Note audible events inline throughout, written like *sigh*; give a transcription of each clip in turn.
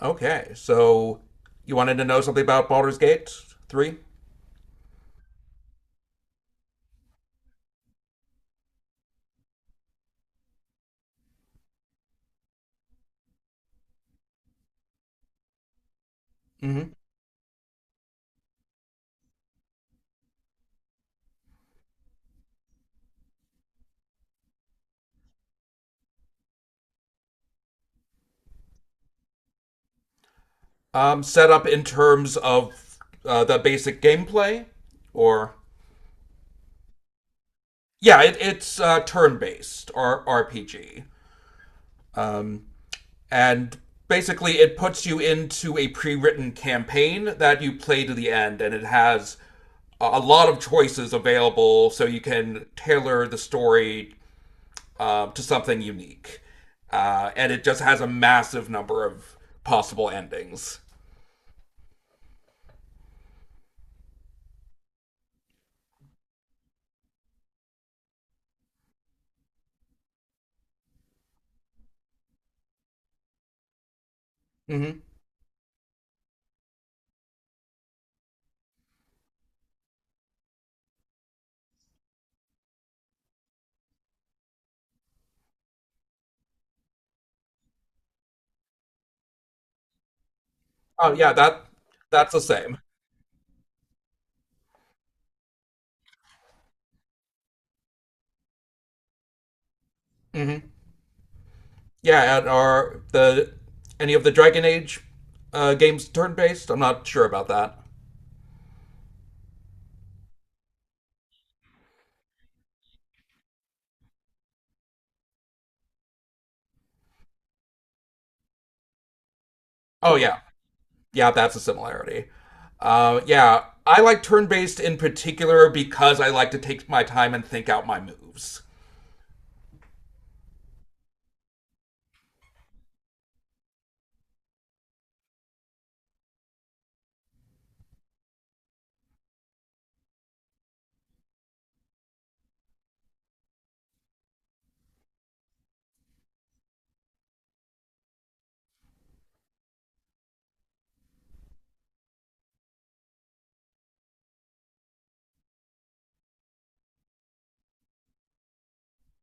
Okay, so you wanted to know something about Baldur's Gate 3? Mm-hmm. Set up in terms of the basic gameplay? Or. Yeah, it's turn based, or RPG. Um, and basically, it puts you into a pre written campaign that you play to the end, and it has a lot of choices available so you can tailor the story to something unique. And it just has a massive number of possible endings. Mhm. Oh yeah, that that's the same. Mm-hmm. Yeah, and are the any of the Dragon Age games turn based? I'm not sure about that. Oh yeah, yeah, that's a similarity. Yeah, I like turn based in particular because I like to take my time and think out my moves.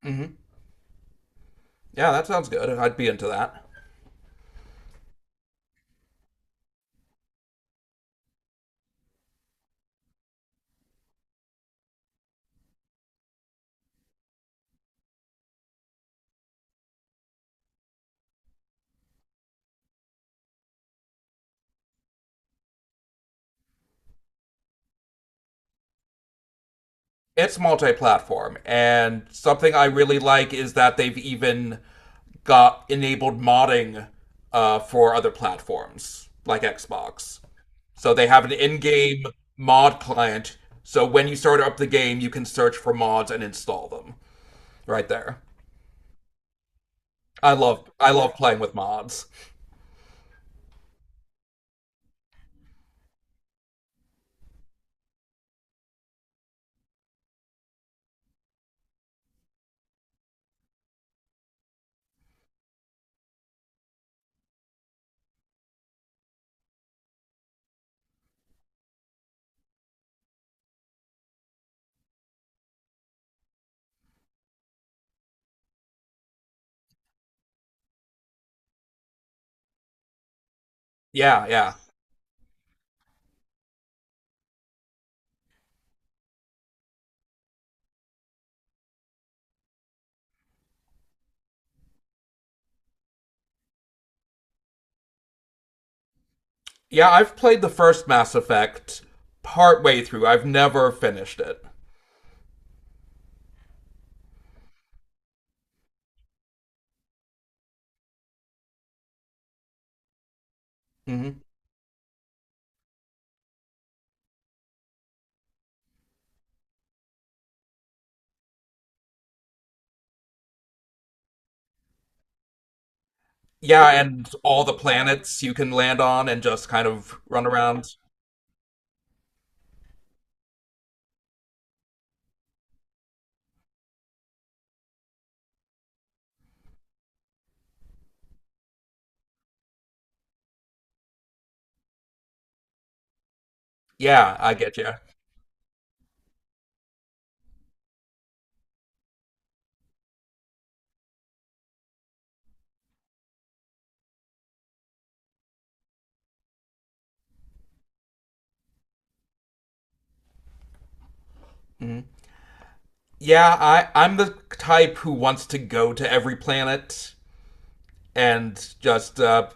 Mhm. Yeah, that sounds good. I'd be into that. It's multi-platform, and something I really like is that they've even got enabled modding for other platforms like Xbox. So they have an in-game mod client. So when you start up the game, you can search for mods and install them right there. I love playing with mods. Yeah, yeah. Yeah, I've played the first Mass Effect partway through. I've never finished it. hmm Yeah, and all the planets you can land on and just kind of run around. Yeah, I get you. hmm Yeah, I'm the type who wants to go to every planet and just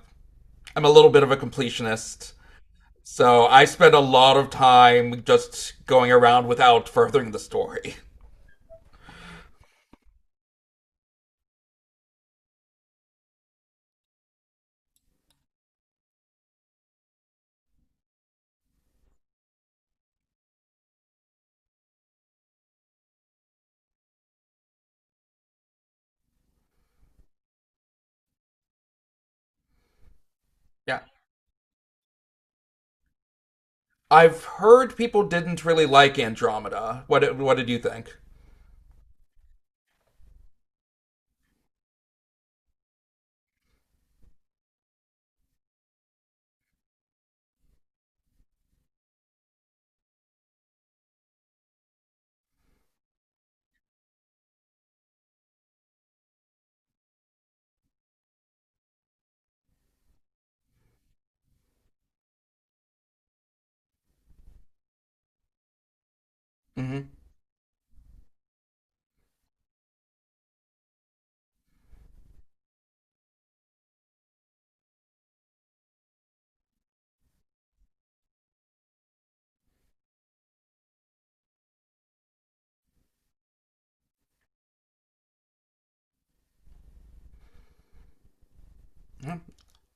I'm a little bit of a completionist. So I spend a lot of time just going around without furthering the story. *laughs* Yeah. I've heard people didn't really like Andromeda. What did you think? hmm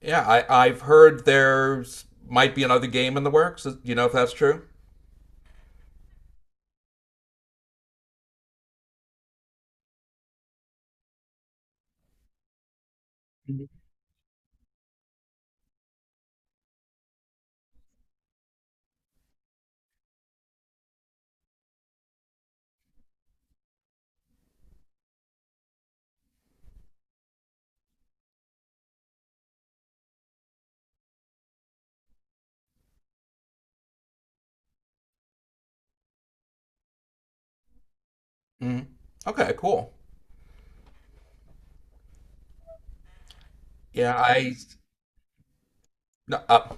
Yeah, I've heard there's might be another game in the works. Do you know if that's true? Mhm. Mm. Okay, cool. Yeah, I no,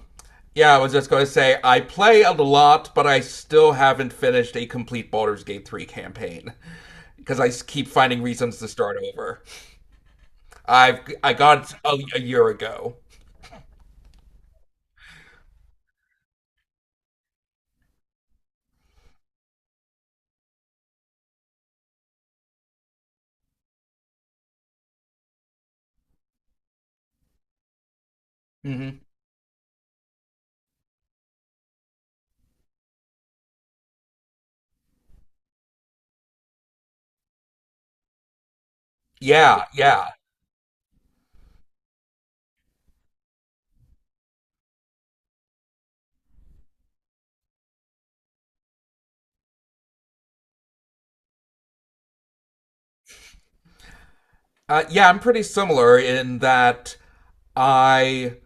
yeah, I was just going to say I play a lot, but I still haven't finished a complete Baldur's Gate 3 campaign because keep finding reasons to start over. I got it a year ago. hmm Yeah, yeah. Yeah, I'm pretty similar in that I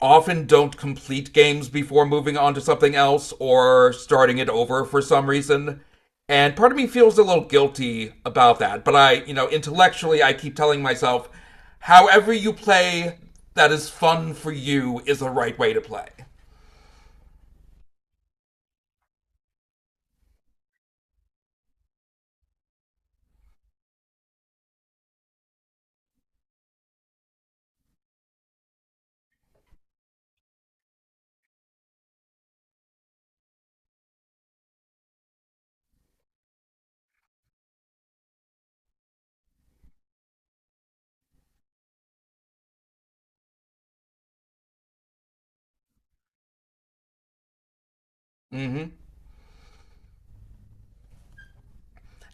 often don't complete games before moving on to something else or starting it over for some reason. And part of me feels a little guilty about that. But I, you know, intellectually, I keep telling myself, however you play that is fun for you is the right way to play. Mm-hmm.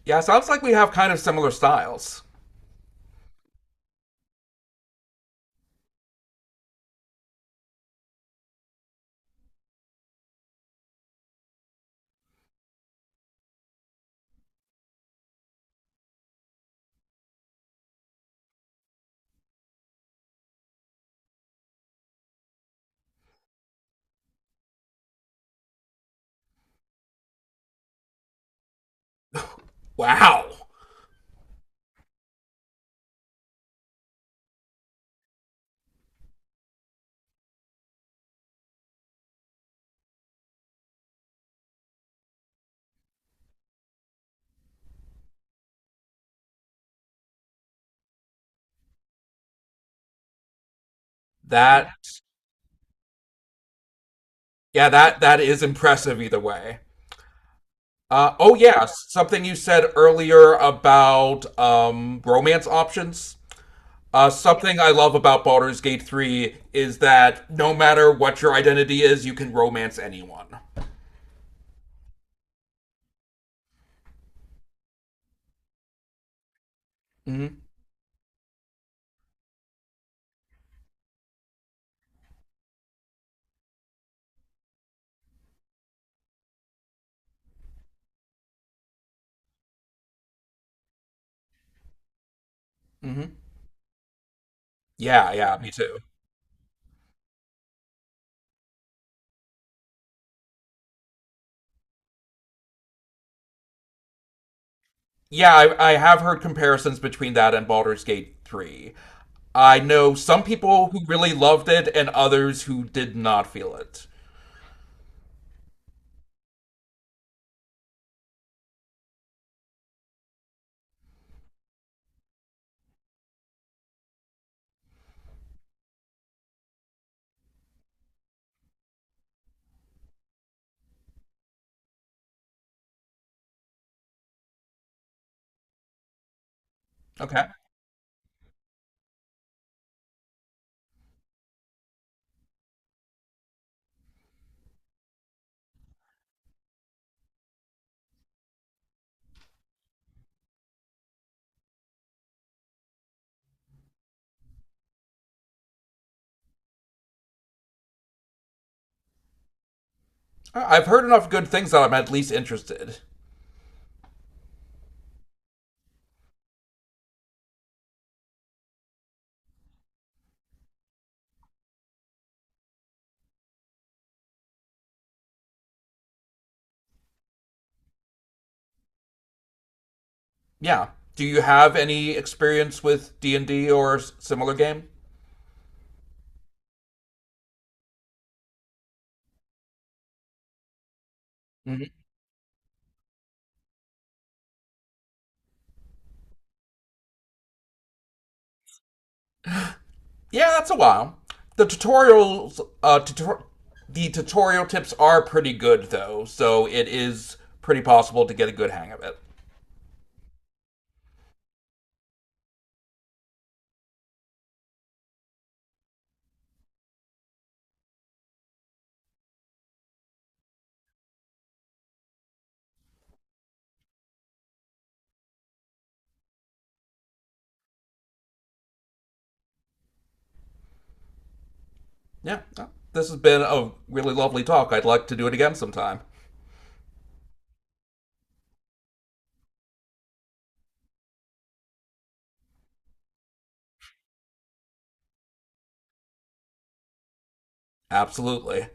Yeah, sounds like we have kind of similar styles. Wow. That, yeah, that, that is impressive either way. Oh yeah, something you said earlier about romance options. Something I love about Baldur's Gate 3 is that no matter what your identity is, you can romance anyone. Mm-hmm. Mm-hmm. Yeah, yeah, me too. Yeah, I have heard comparisons between that and Baldur's Gate 3. I know some people who really loved it and others who did not feel it. Okay. Have heard enough good things that I'm at least interested. Yeah. Do you have any experience with D&D or similar game? Mm-hmm. Yeah, that's a while. The tutorials, uh, tutor- the tutorial tips are pretty good though, so it is pretty possible to get a good hang of it. Yeah, no, this has been a really lovely talk. I'd like to do it again sometime. Absolutely.